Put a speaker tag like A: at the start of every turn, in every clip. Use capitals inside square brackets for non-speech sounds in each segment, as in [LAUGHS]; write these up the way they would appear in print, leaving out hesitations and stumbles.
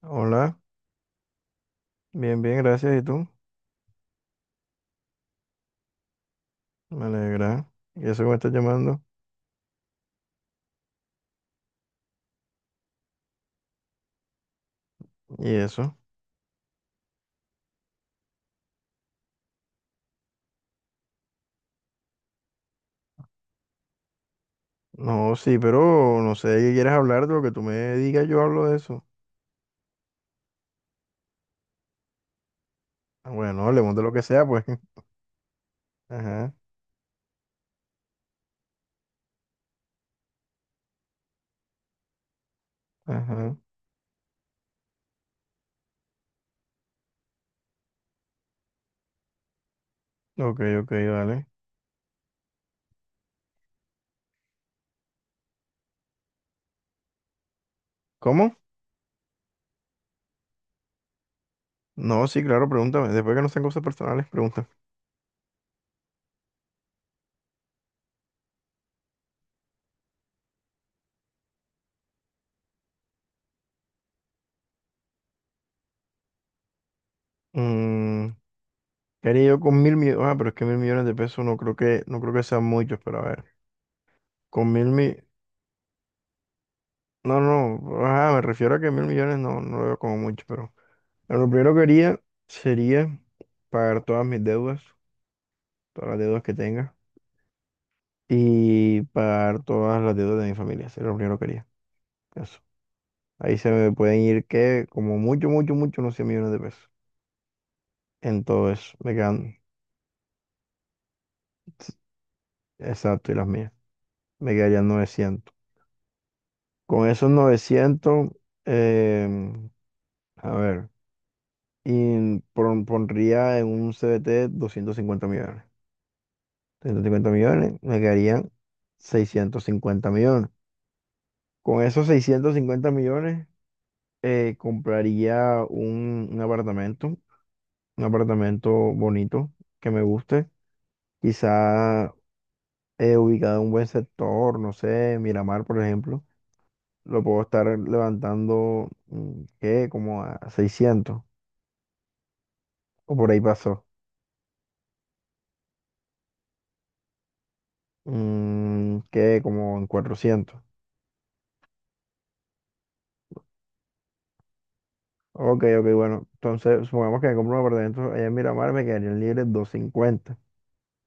A: Hola, bien, bien, gracias. ¿Y tú? Me alegra. ¿Y eso que me estás llamando? ¿Y eso? No, sí, pero no sé de qué quieres hablar, de lo que tú me digas, yo hablo de eso. Ah, bueno, hablemos de lo que sea, pues. [LAUGHS] Ajá, ajá. Ok, ok, vale. ¿Cómo? No, sí, claro, pregúntame. Después que no sean cosas personales, pregunta. Mm, ¿qué haría yo con 1.000 millones? Ah, pero es que 1.000 millones de pesos no creo que sean muchos, pero a ver. Con mil mi... No, no, ajá, me refiero a que 1.000 millones no, no lo veo como mucho, pero... Bueno, lo primero que haría sería pagar todas mis deudas, todas las deudas que tenga y pagar todas las deudas de mi familia. Sería lo primero que haría. Eso. Ahí se me pueden ir que como mucho, mucho, mucho, unos 100 millones de pesos. En todo eso. Me quedan, exacto, y las mías. Me quedarían 900. Con esos 900, em, a ver, y pondría en un CBT 50 millones. 250 millones, me quedarían 650 millones. Con esos 650 millones compraría un apartamento bonito que me guste, quizá ubicado en un buen sector, no sé, Miramar, por ejemplo, lo puedo estar levantando, ¿qué? Como a 600 o por ahí pasó, ¿qué? Como en 400. Ok, ok, bueno, entonces supongamos que me compro un apartamento allá en Miramar, me quedarían libres 250.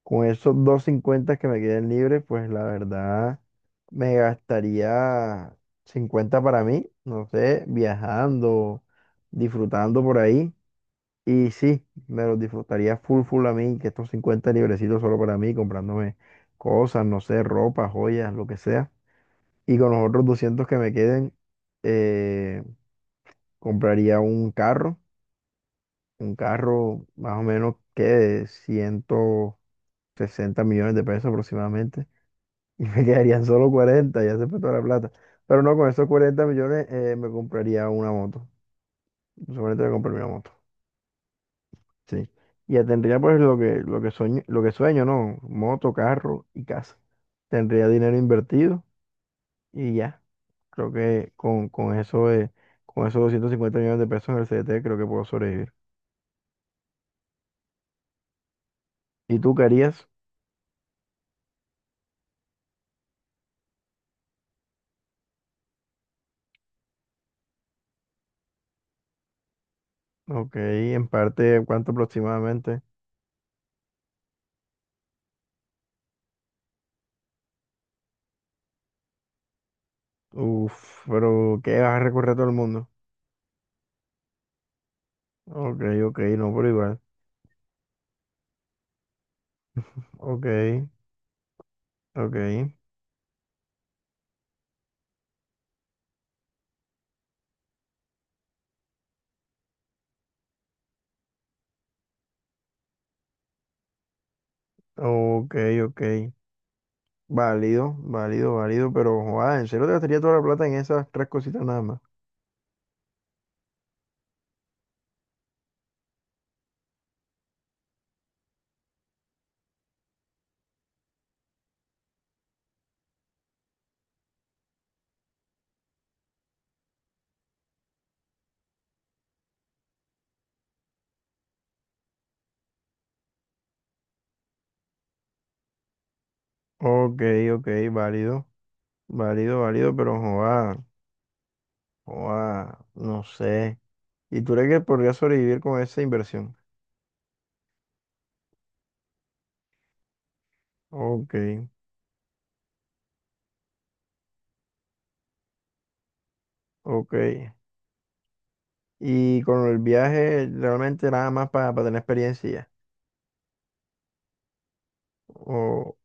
A: Con esos 250 que me queden libres, pues la verdad me gastaría 50 para mí, no sé, viajando, disfrutando por ahí. Y sí, me los disfrutaría full full a mí, que estos 50 librecitos solo para mí, comprándome cosas, no sé, ropa, joyas, lo que sea. Y con los otros 200 que me queden, eh, compraría un carro más o menos que de 160 millones de pesos aproximadamente. Y me [LAUGHS] quedarían solo 40, ya se fue toda la plata. Pero no, con esos 40 millones me compraría una moto. Seguramente me compraría una moto. Sí. Y ya tendría pues lo que sueño, lo que sueño, ¿no? Moto, carro y casa. Tendría dinero invertido y ya. Creo que con esos 250 millones de pesos en el CDT creo que puedo sobrevivir. ¿Y tú qué harías? Ok, en parte, ¿cuánto aproximadamente? Uf, pero ¿qué vas a recorrer todo el mundo? Ok, ok, no, pero igual. Ok. Ok, ok, ok. Válido, válido, válido, pero joder, ¿en serio te gastaría toda la plata en esas tres cositas nada más? Ok, ok, válido, válido, válido, pero joder, joder, no sé. ¿Y tú crees que podrías sobrevivir con esa inversión? Ok, ok. ¿Y con el viaje realmente nada más para tener experiencia? ¿ya? O,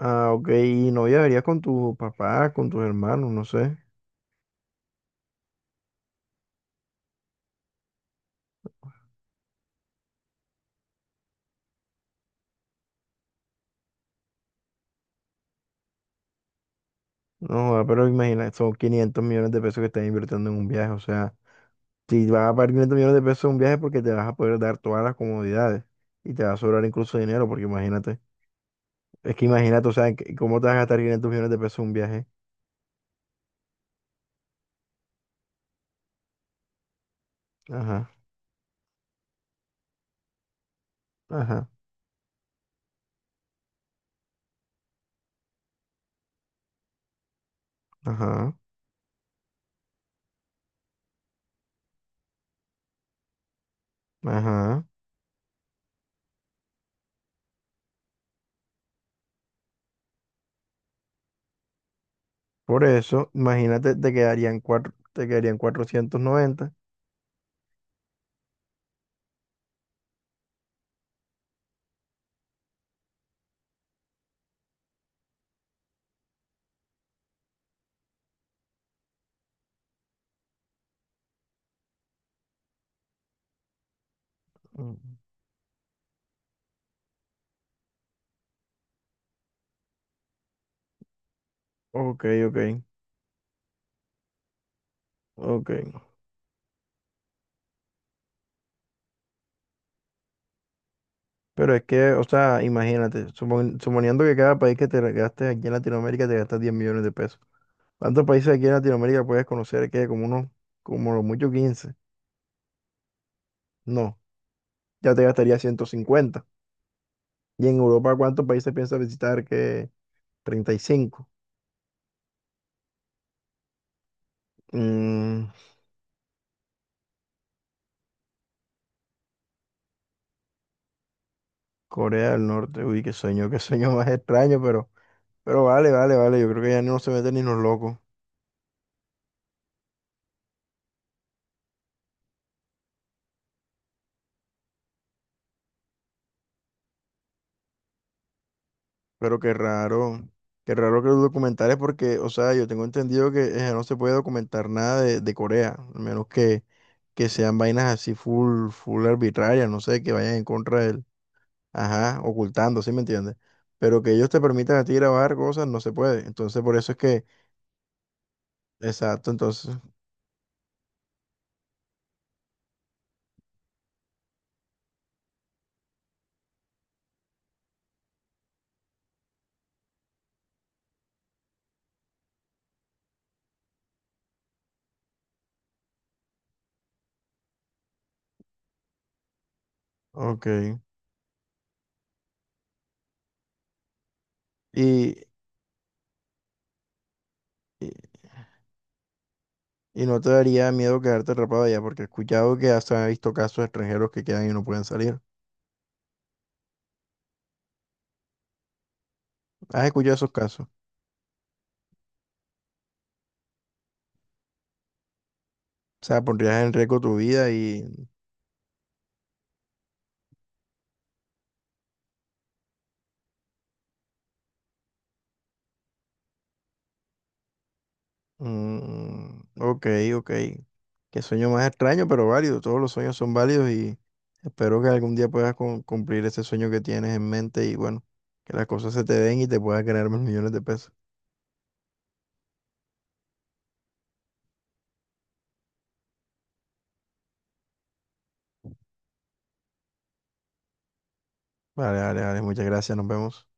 A: ah, ok, y no viajarías con tus papás, con tus hermanos, no sé. No, joda, pero imagina, son 500 millones de pesos que estás invirtiendo en un viaje. O sea, si vas a pagar 500 millones de pesos en un viaje porque te vas a poder dar todas las comodidades y te va a sobrar incluso dinero, porque imagínate, es que imagínate, o sea, ¿cómo te vas a gastar 500 millones de pesos en un viaje? Ajá, ajá, ajá, ajá. Por eso, imagínate, te quedarían cuatro, te quedarían 490. Mm. Ok, ok, ok. Pero es que, o sea, imagínate, suponiendo que cada país que te gastes aquí en Latinoamérica te gastas 10 millones de pesos. ¿Cuántos países aquí en Latinoamérica puedes conocer? Que como unos, como lo mucho 15. No, ya te gastaría 150. ¿Y en Europa cuántos países piensas visitar? Que 35. Mm, Corea del Norte, uy, qué sueño [LAUGHS] más extraño, pero, vale, vale, vale. Yo creo que ya no se meten ni los locos. Pero qué raro que los documentales, porque, o sea, yo tengo entendido que no se puede documentar nada de Corea, a menos que sean vainas así full, full arbitrarias, no sé, que vayan en contra del ajá, ocultando, ¿sí me entiendes? Pero que ellos te permitan a ti grabar cosas no se puede. Entonces, por eso es que, exacto, entonces, ok. Y, y, y no te daría miedo quedarte atrapado allá, porque he escuchado que hasta he visto casos de extranjeros que quedan y no pueden salir. ¿Has escuchado esos casos? O sea, pondrías en riesgo tu vida y mm, ok, ok. Qué sueño más extraño, pero válido. Todos los sueños son válidos y espero que algún día puedas cumplir ese sueño que tienes en mente y bueno, que las cosas se te den y te puedas ganar más millones de pesos. Vale, vale, vale. Muchas gracias. Nos vemos.